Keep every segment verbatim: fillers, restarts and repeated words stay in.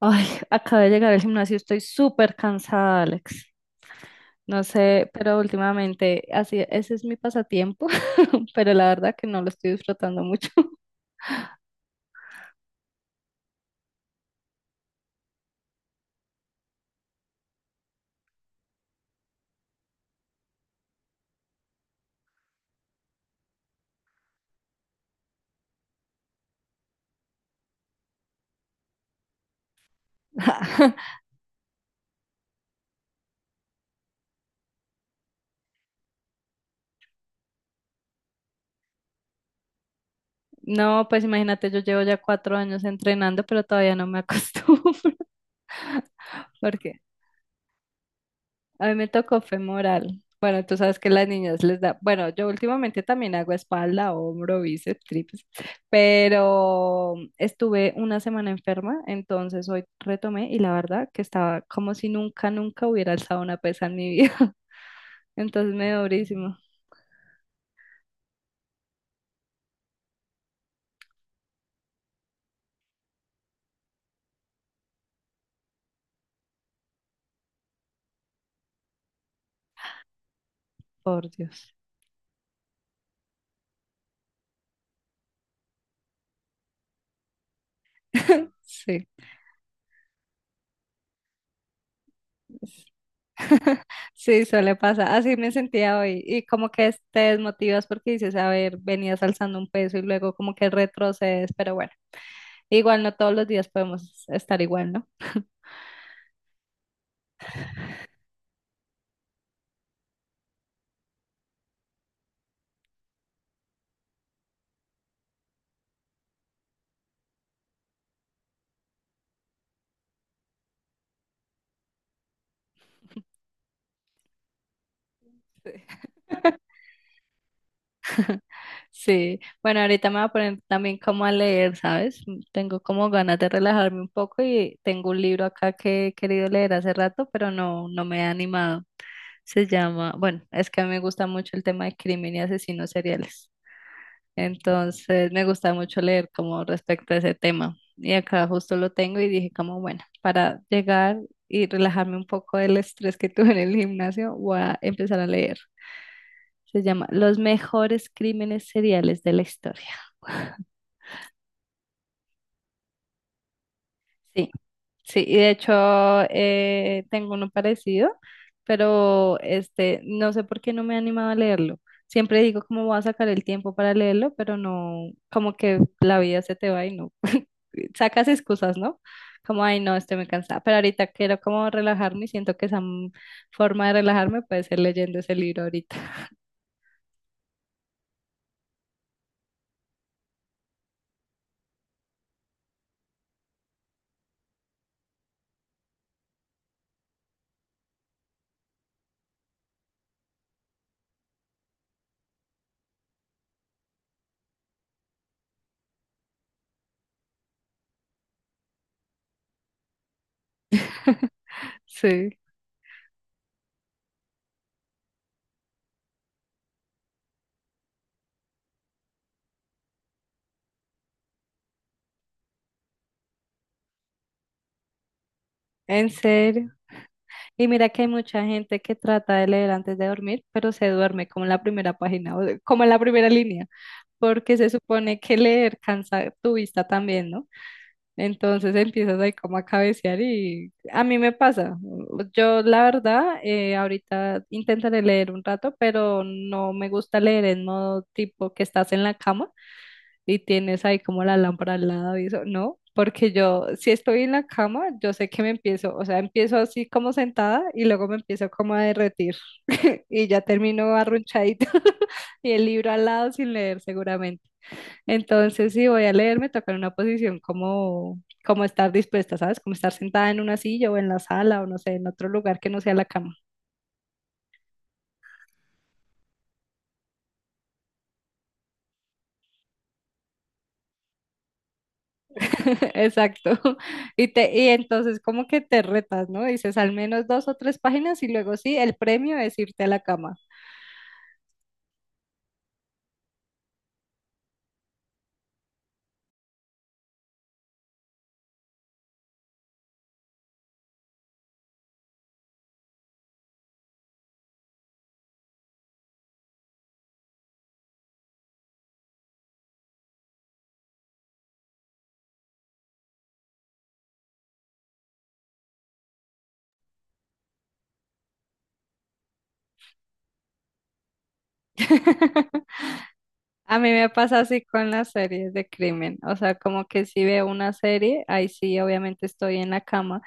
Ay, acabo de llegar al gimnasio, estoy súper cansada, Alex. No sé, pero últimamente, así, ese es mi pasatiempo, pero la verdad que no lo estoy disfrutando mucho. No, pues imagínate, yo llevo ya cuatro años entrenando, pero todavía no me acostumbro. porque A mí me tocó femoral. Bueno, tú sabes que las niñas les da, bueno, yo últimamente también hago espalda, hombro, bíceps, tríceps, pero estuve una semana enferma, entonces hoy retomé y la verdad que estaba como si nunca, nunca hubiera alzado una pesa en mi vida. Entonces me dio durísimo, por Dios. Sí, sí, suele pasar. Así me sentía hoy y como que te desmotivas porque dices, a ver, venías alzando un peso y luego como que retrocedes, pero bueno. Igual no todos los días podemos estar igual, ¿no? Sí. Sí, bueno, ahorita me voy a poner también como a leer, ¿sabes? Tengo como ganas de relajarme un poco y tengo un libro acá que he querido leer hace rato, pero no, no me he animado. Se llama, bueno, es que a mí me gusta mucho el tema de crimen y asesinos seriales. Entonces me gusta mucho leer como respecto a ese tema. Y acá justo lo tengo y dije como, bueno, para llegar y relajarme un poco del estrés que tuve en el gimnasio, voy a empezar a leer. Se llama Los mejores crímenes seriales de la historia. Sí, sí, y de hecho eh, tengo uno parecido, pero este, no sé por qué no me he animado a leerlo. Siempre digo cómo voy a sacar el tiempo para leerlo, pero no, como que la vida se te va y no. Sacas excusas, ¿no? Como, ay, no, estoy muy cansada. Pero ahorita quiero como relajarme y siento que esa m- forma de relajarme puede ser leyendo ese libro ahorita. Sí, en serio. Y mira que hay mucha gente que trata de leer antes de dormir, pero se duerme como en la primera página, o como en la primera línea, porque se supone que leer cansa tu vista también, ¿no? Entonces empiezas ahí como a cabecear y a mí me pasa. Yo la verdad, eh, ahorita intentaré leer un rato, pero no me gusta leer en modo tipo que estás en la cama y tienes ahí como la lámpara al lado y eso, no. Porque yo, si estoy en la cama, yo sé que me empiezo, o sea, empiezo así como sentada y luego me empiezo como a derretir y ya termino arrunchadita y el libro al lado sin leer seguramente. Entonces, si voy a leer, me toca en una posición como, como estar dispuesta, ¿sabes? Como estar sentada en una silla o en la sala o no sé, en otro lugar que no sea la cama. Exacto. Y, te, y entonces como que te retas, ¿no? Dices al menos dos o tres páginas y luego sí, el premio es irte a la cama. A mí me pasa así con las series de crimen, o sea, como que si veo una serie, ahí sí, obviamente estoy en la cama.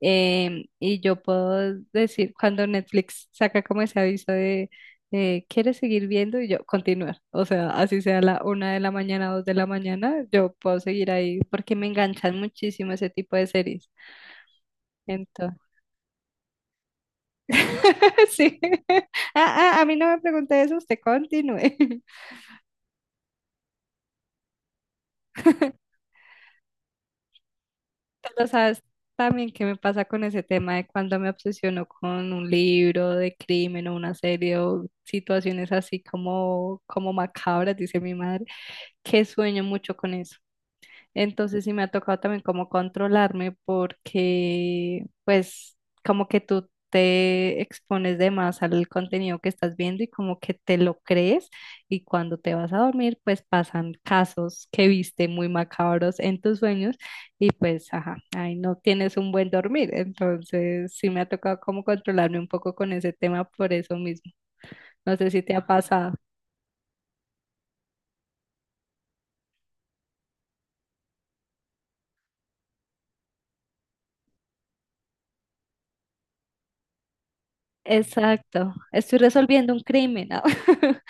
Em, y yo puedo decir, cuando Netflix saca como ese aviso de, eh, ¿quieres seguir viendo? Y yo, continuar. O sea, así sea la una de la mañana, dos de la mañana, yo puedo seguir ahí porque me enganchan muchísimo ese tipo de series. Entonces, sí. A, a- a mí no me pregunte eso, usted continúe. Pero sabes también qué me pasa con ese tema de cuando me obsesiono con un libro de crimen o una serie o situaciones así como, como macabras, dice mi madre, que sueño mucho con eso. Entonces sí me ha tocado también como controlarme porque pues como que tú te expones de más al contenido que estás viendo y como que te lo crees y cuando te vas a dormir pues pasan casos que viste muy macabros en tus sueños y pues ajá, ahí no tienes un buen dormir. Entonces sí me ha tocado como controlarme un poco con ese tema por eso mismo. No sé si te ha pasado. Exacto, estoy resolviendo un crimen. ¿No?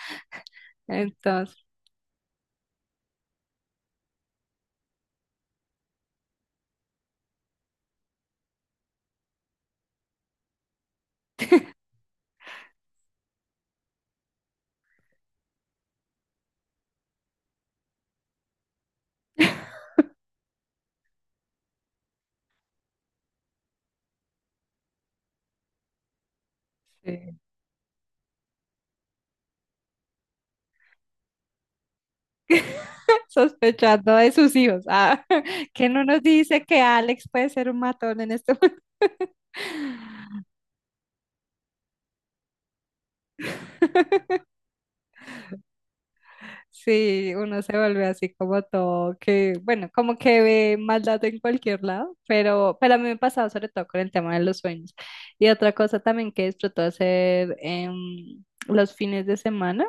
Entonces, sí. Sospechando de sus hijos. Ah, que no nos dice que Alex puede ser un matón en este momento. Sí, uno se vuelve así como todo, que bueno, como que ve maldad en cualquier lado, pero, pero a mí me ha pasado sobre todo con el tema de los sueños. Y otra cosa también que disfruto hacer en los fines de semana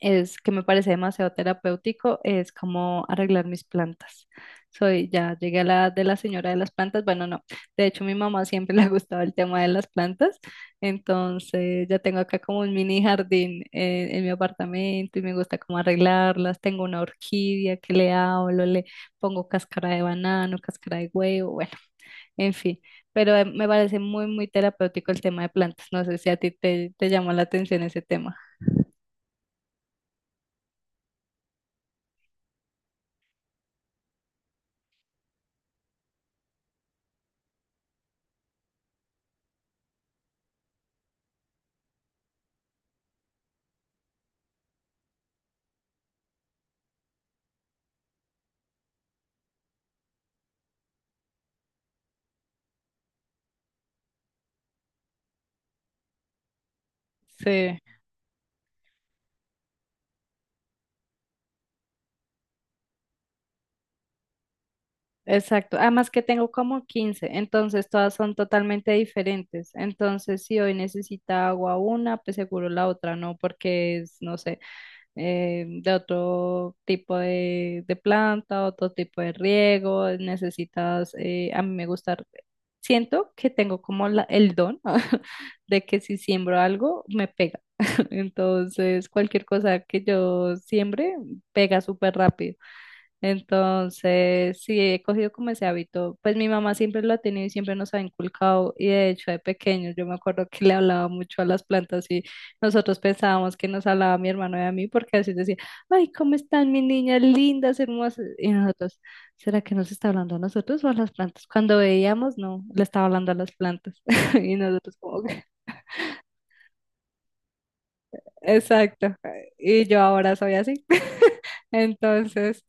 es que me parece demasiado terapéutico, es como arreglar mis plantas. Soy, ya llegué a la edad de la señora de las plantas, bueno, no, de hecho mi mamá siempre le ha gustado el tema de las plantas, entonces ya tengo acá como un mini jardín eh, en mi apartamento y me gusta como arreglarlas, tengo una orquídea que le hablo, le pongo cáscara de banano, cáscara de huevo, bueno, en fin, pero eh, me parece muy, muy terapéutico el tema de plantas, no sé si a ti te, te llamó la atención ese tema. Sí. Exacto, además que tengo como quince, entonces todas son totalmente diferentes. Entonces, si hoy necesita agua una, pues seguro la otra no, porque es, no sé, eh, de otro tipo de, de planta, otro tipo de riego, necesitas, eh, a mí me gusta, siento que tengo como la- el don de que si siembro algo, me pega. Entonces, cualquier cosa que yo siembre, pega súper rápido. Entonces, sí, he cogido como ese hábito. Pues mi mamá siempre lo ha tenido y siempre nos ha inculcado. Y de hecho, de pequeños, yo me acuerdo que le hablaba mucho a las plantas y nosotros pensábamos que nos hablaba a mi hermano y a mí, porque así decía, ay, ¿cómo están mis niñas lindas, hermosas? Y nosotros, ¿será que nos está hablando a nosotros o a las plantas? Cuando veíamos, no, le estaba hablando a las plantas. Y nosotros como que, exacto. Y yo ahora soy así. Entonces...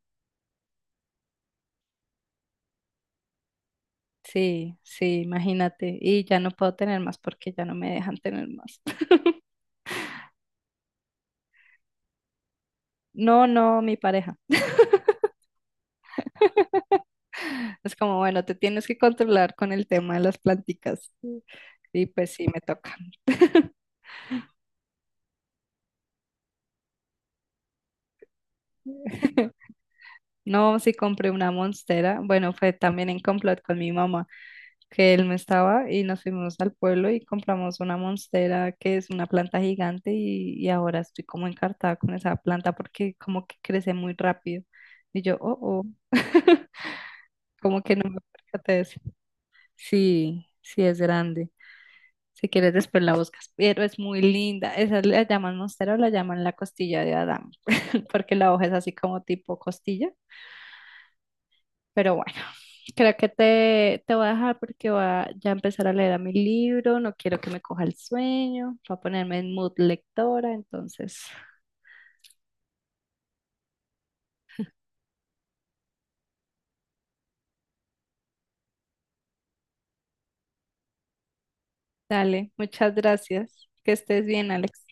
Sí, sí, imagínate. Y ya no puedo tener más porque ya no me dejan tener más. No, no, mi pareja. Es como, bueno, te tienes que controlar con el tema de las planticas. Y pues sí, me toca. No, sí compré una monstera. Bueno, fue también en complot con mi mamá, que él no estaba y nos fuimos al pueblo y compramos una monstera que es una planta gigante y, y ahora estoy como encartada con esa planta porque como que crece muy rápido. Y yo, oh, oh. Como que no me percaté de eso. Sí, sí es grande. Si quieres después la buscas, pero es muy linda. Esa la llaman monstera o la llaman la costilla de Adán, porque la hoja es así como tipo costilla. Pero bueno, creo que te, te voy a dejar porque voy a ya empezar a leer a mi libro. No quiero que me coja el sueño. Voy a ponerme en mood lectora. Entonces, dale, muchas gracias. Que estés bien, Alex.